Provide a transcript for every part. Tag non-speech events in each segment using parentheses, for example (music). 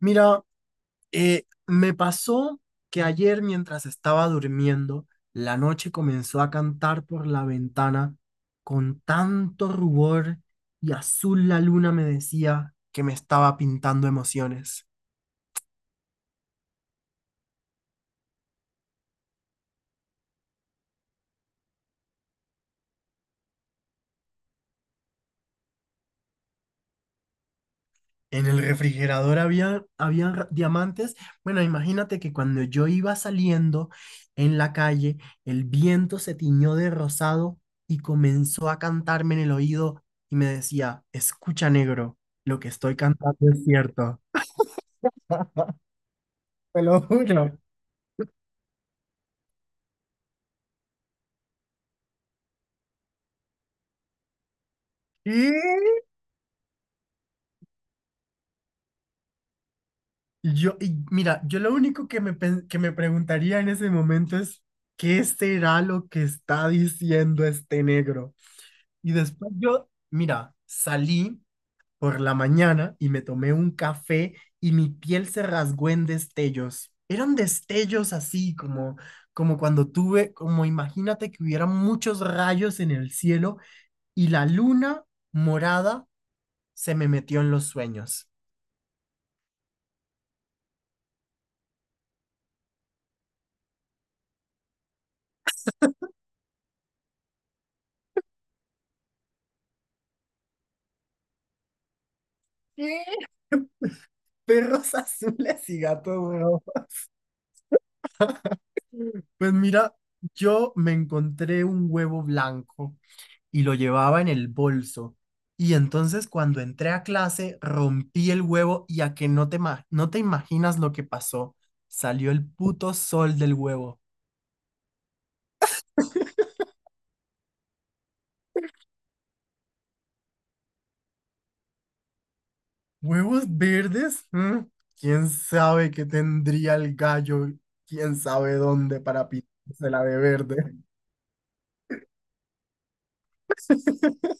Mira, me pasó que ayer mientras estaba durmiendo, la noche comenzó a cantar por la ventana con tanto rubor y azul la luna me decía que me estaba pintando emociones. En el refrigerador habían diamantes. Bueno, imagínate que cuando yo iba saliendo en la calle, el viento se tiñó de rosado y comenzó a cantarme en el oído y me decía, escucha negro, lo que estoy cantando es cierto. Te lo juro. Y y mira, yo lo único que que me preguntaría en ese momento es, ¿qué será lo que está diciendo este negro? Y después yo, mira, salí, por la mañana y me tomé un café y mi piel se rasgó en destellos. Eran destellos así como como imagínate que hubiera muchos rayos en el cielo y la luna morada se me metió en los sueños. ¿Qué? Perros (laughs) azules y gatos rojos. Pues mira, yo me encontré un huevo blanco y lo llevaba en el bolso. Y entonces cuando entré a clase rompí el huevo y a que no te, no te imaginas lo que pasó. Salió el puto sol del huevo. ¿Huevos verdes? ¿Mm? ¿Quién sabe qué tendría el gallo? ¿Quién sabe dónde para pintársela de verde? (laughs)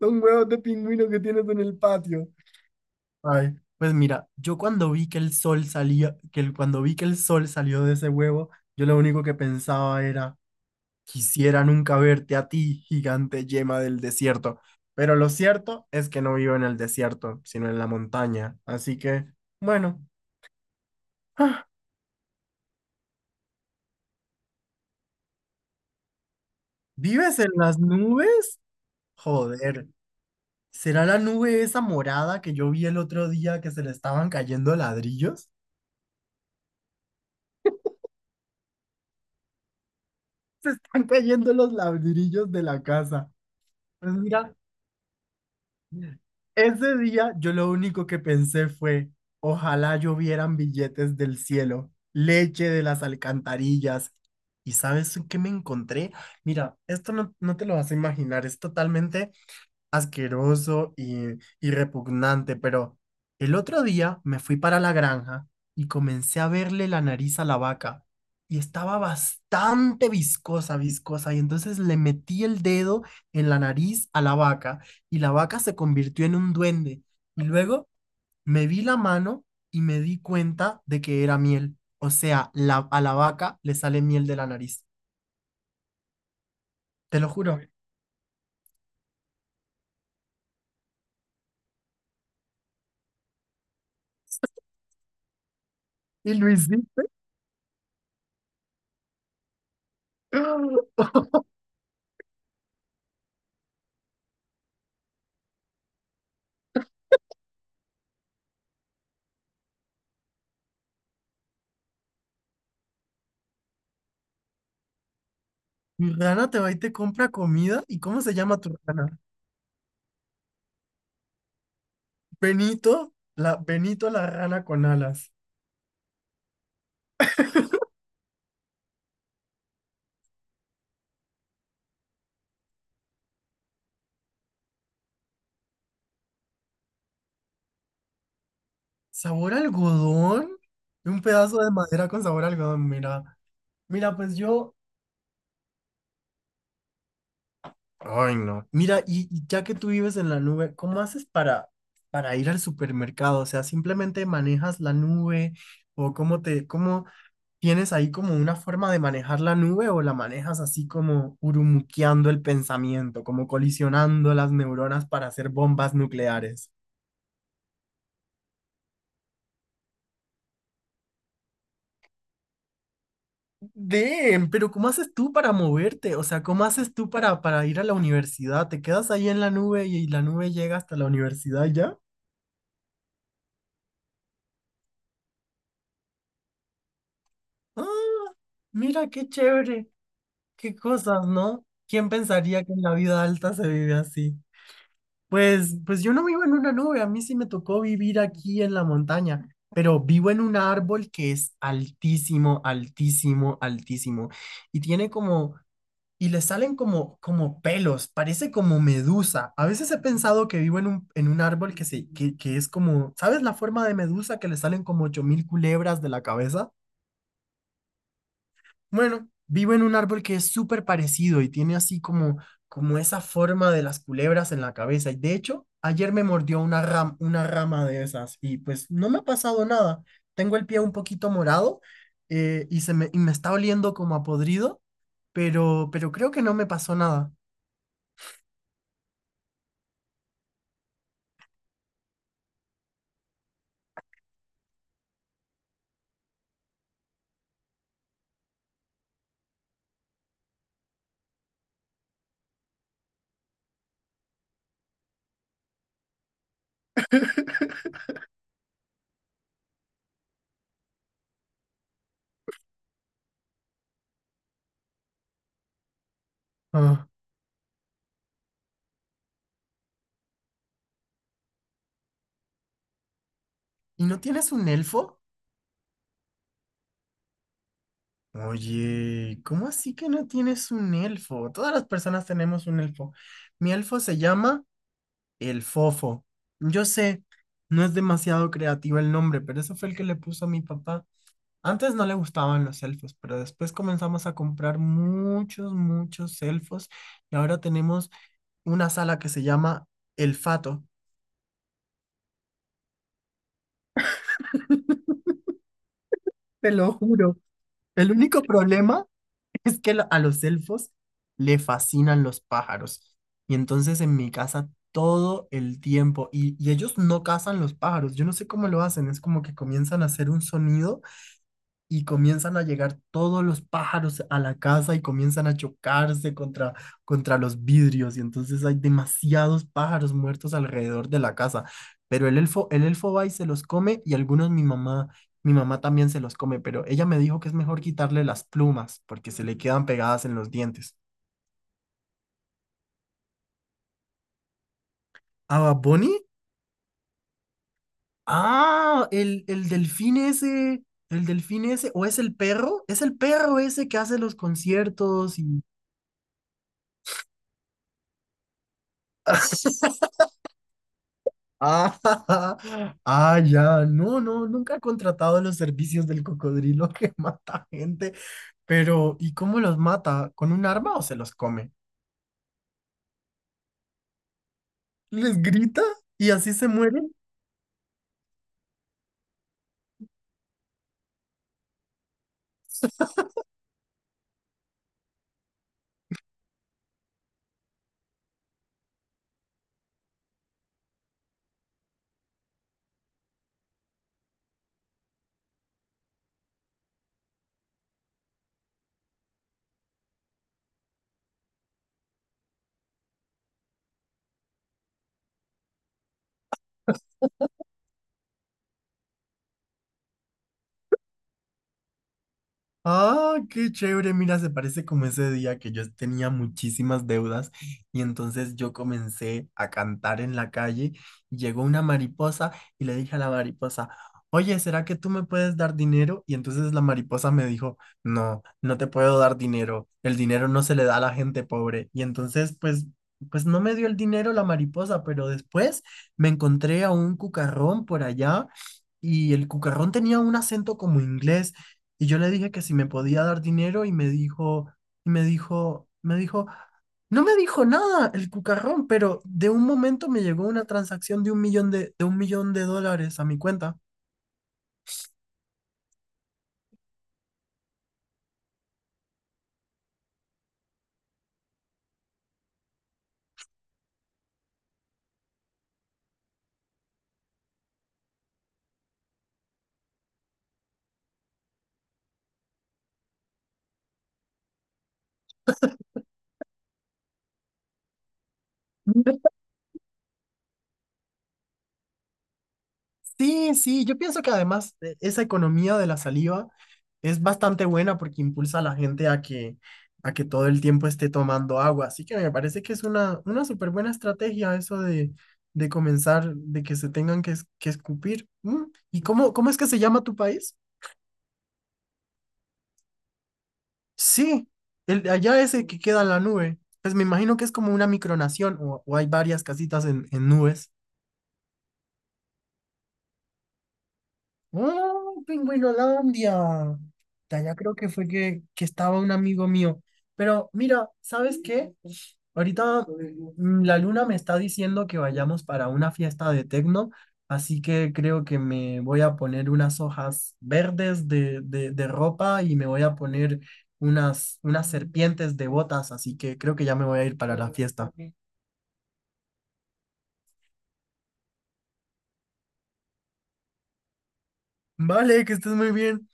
Son huevos de pingüino que tienes en el patio. Ay, pues mira, yo cuando vi que el sol salía, cuando vi que el sol salió de ese huevo, yo lo único que pensaba era, quisiera nunca verte a ti, gigante yema del desierto. Pero lo cierto es que no vivo en el desierto, sino en la montaña. Así que, bueno, ah, ¿vives en las nubes? Joder, ¿será la nube esa morada que yo vi el otro día que se le estaban cayendo ladrillos? Se están cayendo los ladrillos de la casa. Pues mira, ese día yo lo único que pensé fue, ojalá llovieran billetes del cielo, leche de las alcantarillas. ¿Y sabes qué me encontré? Mira, esto no, no te lo vas a imaginar, es totalmente asqueroso y repugnante, pero el otro día me fui para la granja y comencé a verle la nariz a la vaca y estaba bastante viscosa, viscosa, y entonces le metí el dedo en la nariz a la vaca y la vaca se convirtió en un duende y luego me vi la mano y me di cuenta de que era miel, o sea, la, a la vaca le sale miel de la nariz, te lo juro. Y Luisito. (gasps) Mi rana te va y te compra comida. ¿Y cómo se llama tu rana? Benito, la rana con alas. ¿Sabor a algodón? Un pedazo de madera con sabor a algodón, mira. Mira, pues yo. Ay, no. Mira, y ya que tú vives en la nube, ¿cómo haces para ir al supermercado? O sea, simplemente manejas la nube o cómo te, cómo, ¿Tienes ahí como una forma de manejar la nube o la manejas así como urumuqueando el pensamiento, como colisionando las neuronas para hacer bombas nucleares? Damn, pero ¿cómo haces tú para moverte? O sea, ¿cómo haces tú para ir a la universidad? ¿Te quedas ahí en la nube y la nube llega hasta la universidad y ya? Ah, mira qué chévere, qué cosas, ¿no? ¿Quién pensaría que en la vida alta se vive así? Pues, pues yo no vivo en una nube, a mí sí me tocó vivir aquí en la montaña, pero vivo en un árbol que es altísimo, altísimo, altísimo. Y tiene como, y le salen como pelos, parece como medusa. A veces he pensado que vivo en un árbol que es como, ¿sabes la forma de medusa que le salen como 8000 culebras de la cabeza? Bueno, vivo en un árbol que es súper parecido y tiene así como, como esa forma de las culebras en la cabeza. Y de hecho, ayer me mordió una rama de esas y pues no me ha pasado nada. Tengo el pie un poquito morado, y me está oliendo como a podrido, pero creo que no me pasó nada. Ah, ¿y no tienes un elfo? Oye, ¿cómo así que no tienes un elfo? Todas las personas tenemos un elfo. Mi elfo se llama... El Fofo. Yo sé, no es demasiado creativo el nombre, pero ese fue el que le puso a mi papá. Antes no le gustaban los elfos, pero después comenzamos a comprar muchos, muchos elfos y ahora tenemos una sala que se llama El Fato. Te lo juro. El único problema (laughs) es que a los elfos le fascinan los pájaros. Y entonces en mi casa todo el tiempo, y ellos no cazan los pájaros, yo no sé cómo lo hacen, es como que comienzan a hacer un sonido y comienzan a llegar todos los pájaros a la casa y comienzan a chocarse contra los vidrios y entonces hay demasiados pájaros muertos alrededor de la casa. Pero el elfo va y se los come y algunos mi mamá también se los come, pero ella me dijo que es mejor quitarle las plumas porque se le quedan pegadas en los dientes. ¿A Bad Bunny? Ah, el delfín ese, o es el perro ese que hace los conciertos y ah, (laughs) ah, ya, no, no, nunca he contratado los servicios del cocodrilo que (laughs) mata gente, pero ¿y cómo los mata? ¿Con un arma o se los come? ¿Les grita y así se muere? Ah, qué chévere, mira, se parece como ese día que yo tenía muchísimas deudas y entonces yo comencé a cantar en la calle y llegó una mariposa y le dije a la mariposa, oye, ¿será que tú me puedes dar dinero? Y entonces la mariposa me dijo, no, no te puedo dar dinero, el dinero no se le da a la gente pobre. Y entonces, pues, pues no me dio el dinero la mariposa, pero después me encontré a un cucarrón por allá y el cucarrón tenía un acento como inglés. Y yo le dije que si me podía dar dinero y me dijo, me dijo, no me dijo nada el cucarrón, pero de un momento me llegó una transacción de un millón de dólares a mi cuenta. (laughs) Sí, sí, yo pienso que además esa economía de la saliva es bastante buena porque impulsa a la gente a que todo el tiempo esté tomando agua. Así que me parece que es una súper buena estrategia eso de comenzar, de que se tengan que, que escupir. ¿Y cómo es que se llama tu país? Sí, el, de allá ese que queda en la nube. Pues me imagino que es como una micronación o hay varias casitas en nubes. ¡Ah, Pingüinolandia! De allá creo que fue que estaba un amigo mío. Pero mira, ¿sabes qué? Ahorita la luna me está diciendo que vayamos para una fiesta de tecno, así que creo que me voy a poner unas hojas verdes de ropa y me voy a poner unas serpientes de botas, así que creo que ya me voy a ir para la fiesta. Vale, que estés muy bien.